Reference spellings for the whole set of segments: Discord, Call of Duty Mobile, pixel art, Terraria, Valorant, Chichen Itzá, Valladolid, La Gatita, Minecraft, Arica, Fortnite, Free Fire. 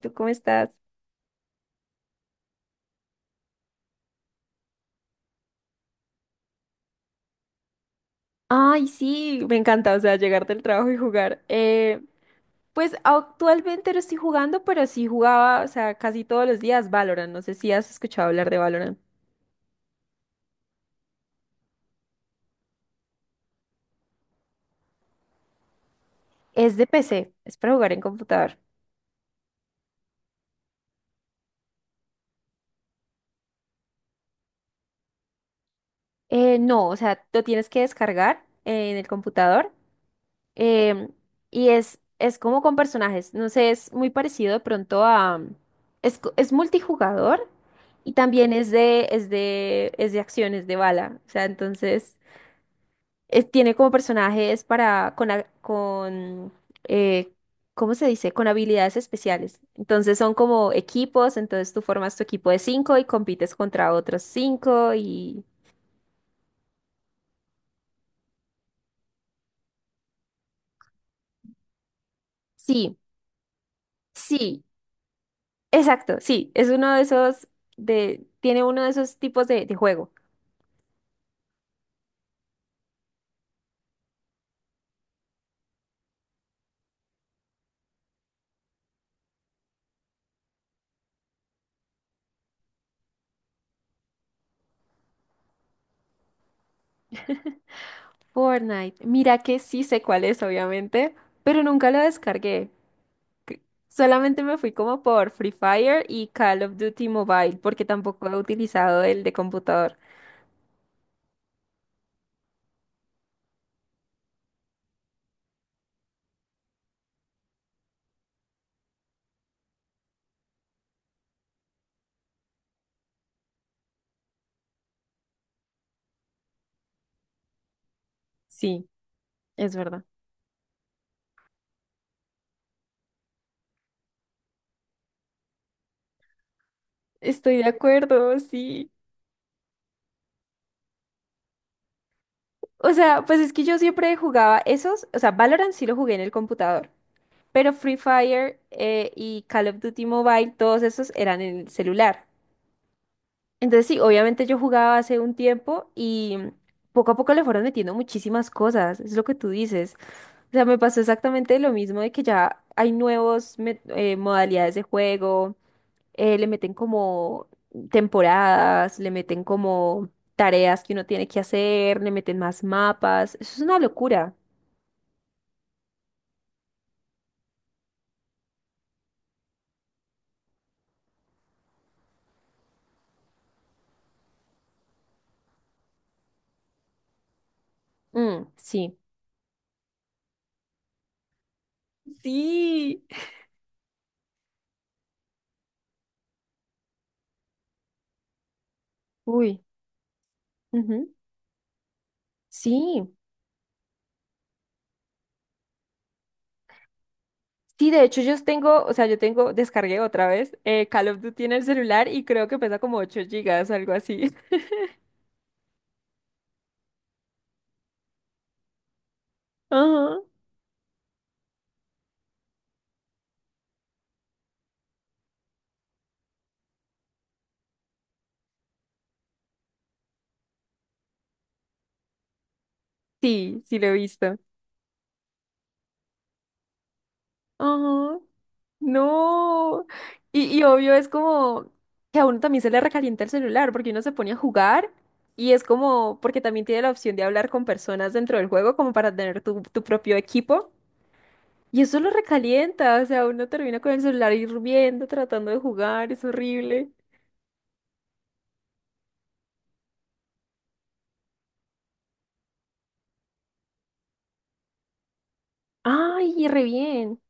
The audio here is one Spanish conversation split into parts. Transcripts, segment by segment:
¿Tú cómo estás? Ay, sí, me encanta, o sea, llegar del trabajo y jugar. Pues actualmente no estoy jugando, pero sí jugaba, o sea, casi todos los días Valorant. No sé si has escuchado hablar de Valorant. Es de PC, es para jugar en computador. No, o sea, lo tienes que descargar en el computador. em, y es como con personajes. No sé, es muy parecido de pronto a... Es multijugador y también es de acciones de bala. O sea, entonces... Tiene como personajes para con eh, ¿cómo se dice? Con habilidades especiales. Entonces son como equipos, entonces tú formas tu equipo de cinco y compites contra otros cinco y sí, sí, exacto, sí, es uno de esos de tiene uno de esos tipos de juego. Fortnite. Mira que sí sé cuál es, obviamente, pero nunca lo descargué. Solamente me fui como por Free Fire y Call of Duty Mobile, porque tampoco he utilizado el de computador. Sí. Es verdad. Estoy de acuerdo, sí. O sea, pues es que yo siempre jugaba esos, o sea, Valorant sí lo jugué en el computador, pero Free Fire y Call of Duty Mobile, todos esos eran en el celular. Entonces sí, obviamente yo jugaba hace un tiempo y mm, poco a poco le fueron metiendo muchísimas cosas, es lo que tú dices. O sea, me pasó exactamente lo mismo de que ya hay nuevos modalidades de juego. Le meten como temporadas, le meten como tareas que uno tiene que hacer, le meten más mapas. Eso es una locura. Mm, sí. Sí. Uy. Ujú. Sí. Sí, de hecho yo tengo, o sea, yo tengo, descargué otra vez Call of Duty en el celular y creo que pesa como 8 gigas, algo así. Ajá. Sí, sí lo he visto. Ajá. No. Y obvio es como que a uno también se le recalienta el celular porque uno se pone a jugar y es como porque también tiene la opción de hablar con personas dentro del juego como para tener tu propio equipo. Y eso lo recalienta, o sea, uno termina con el celular hirviendo, tratando de jugar, es horrible. Ay, y re bien.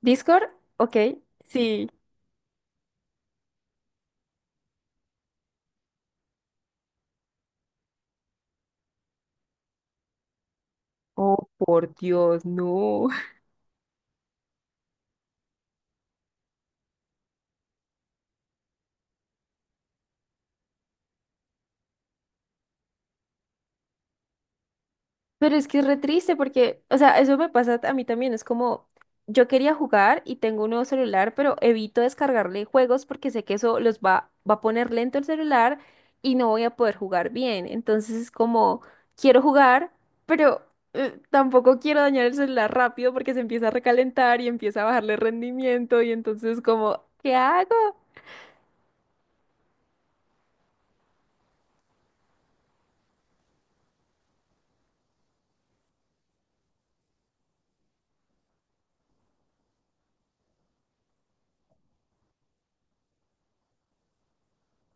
¿Discord? Ok, sí. Oh, por Dios, no. Pero es que es re triste porque, o sea, eso me pasa a mí también. Es como, yo quería jugar y tengo un nuevo celular, pero evito descargarle juegos porque sé que eso los va a poner lento el celular y no voy a poder jugar bien. Entonces es como, quiero jugar, pero tampoco quiero dañar el celular rápido porque se empieza a recalentar y empieza a bajarle rendimiento y entonces como, ¿qué hago?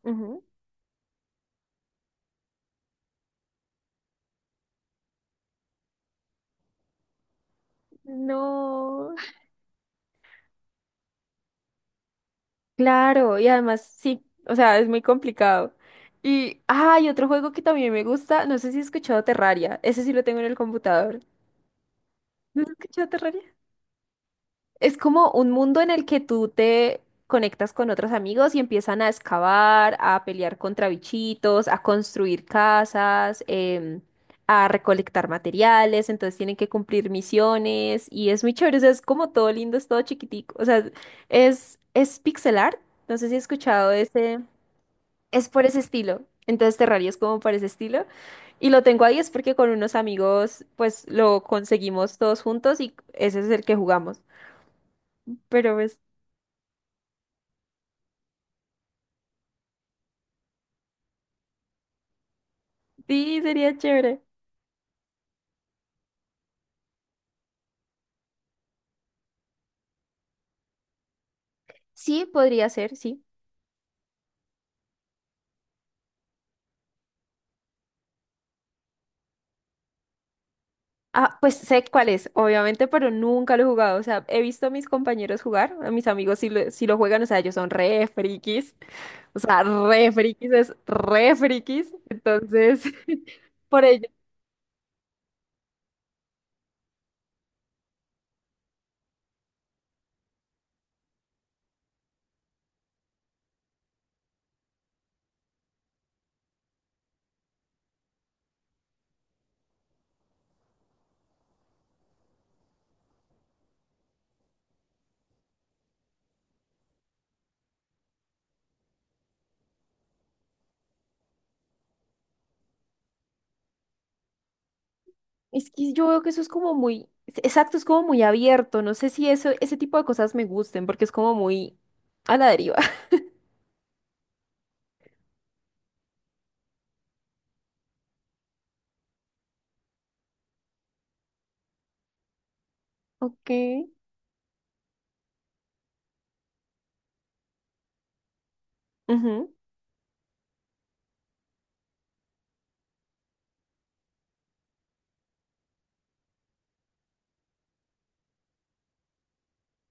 Ujú. No. Claro, y además sí, o sea, es muy complicado. Y hay otro juego que también me gusta, no sé si has escuchado Terraria, ese sí lo tengo en el computador. ¿No has escuchado Terraria? Es como un mundo en el que tú te conectas con otros amigos y empiezan a excavar, a pelear contra bichitos, a construir casas, a recolectar materiales, entonces tienen que cumplir misiones y es muy chévere, o sea, es como todo lindo, es todo chiquitico, o sea, es pixel art, no sé si has escuchado ese. Es por ese estilo. Entonces Terraria es como por ese estilo. Y lo tengo ahí es porque con unos amigos pues lo conseguimos todos juntos y ese es el que jugamos. Pero pues sí, sería chévere. Sí, podría ser, sí. Ah, pues sé cuál es, obviamente, pero nunca lo he jugado. O sea, he visto a mis compañeros jugar, a mis amigos si lo, si lo juegan, o sea, ellos son re frikis. O sea, re frikis es re frikis. Entonces, por ello. Es que yo veo que eso es como muy, exacto, es como muy abierto. No sé si eso, ese tipo de cosas me gusten, porque es como muy a la deriva. Ok, ujú,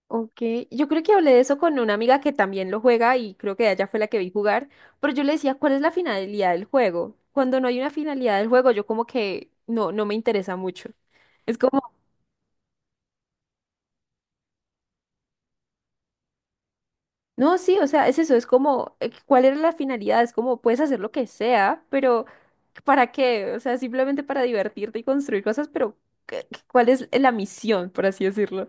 ok. Yo creo que hablé de eso con una amiga que también lo juega y creo que ella fue la que vi jugar, pero yo le decía, ¿cuál es la finalidad del juego? Cuando no hay una finalidad del juego, yo como que no, no me interesa mucho. Es como. No, sí, o sea, es eso, es como, ¿cuál era la finalidad? Es como, puedes hacer lo que sea, pero ¿para qué? O sea, simplemente para divertirte y construir cosas, pero ¿cuál es la misión, por así decirlo?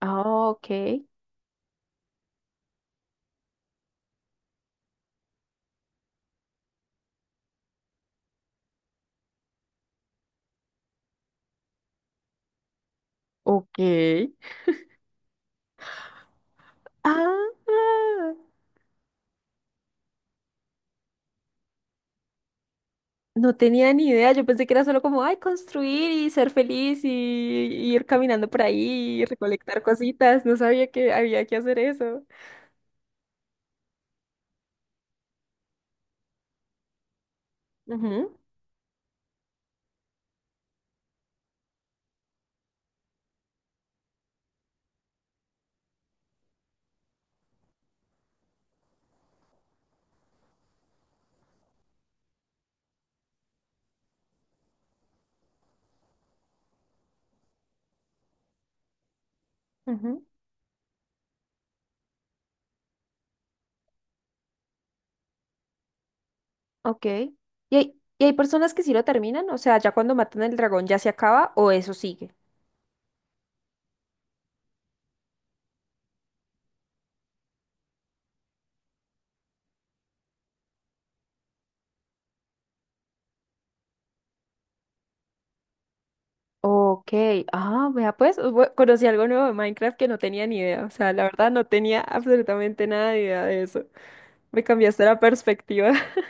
Ah, ok. Ok. Ah, no tenía ni idea, yo pensé que era solo como, ay, construir y ser feliz y ir caminando por ahí y recolectar cositas, no sabía que había que hacer eso. Ujú, ujú. Ok. ¿Y y hay personas que sí lo terminan? O sea, ya cuando matan al dragón ya se acaba o eso sigue. Ok. Ah, vea pues, conocí algo nuevo de Minecraft que no tenía ni idea. O sea, la verdad no tenía absolutamente nada de idea de eso. Me cambiaste la perspectiva.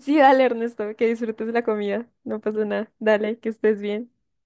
Sí, dale, Ernesto, que disfrutes la comida. No pasa nada. Dale, que estés bien.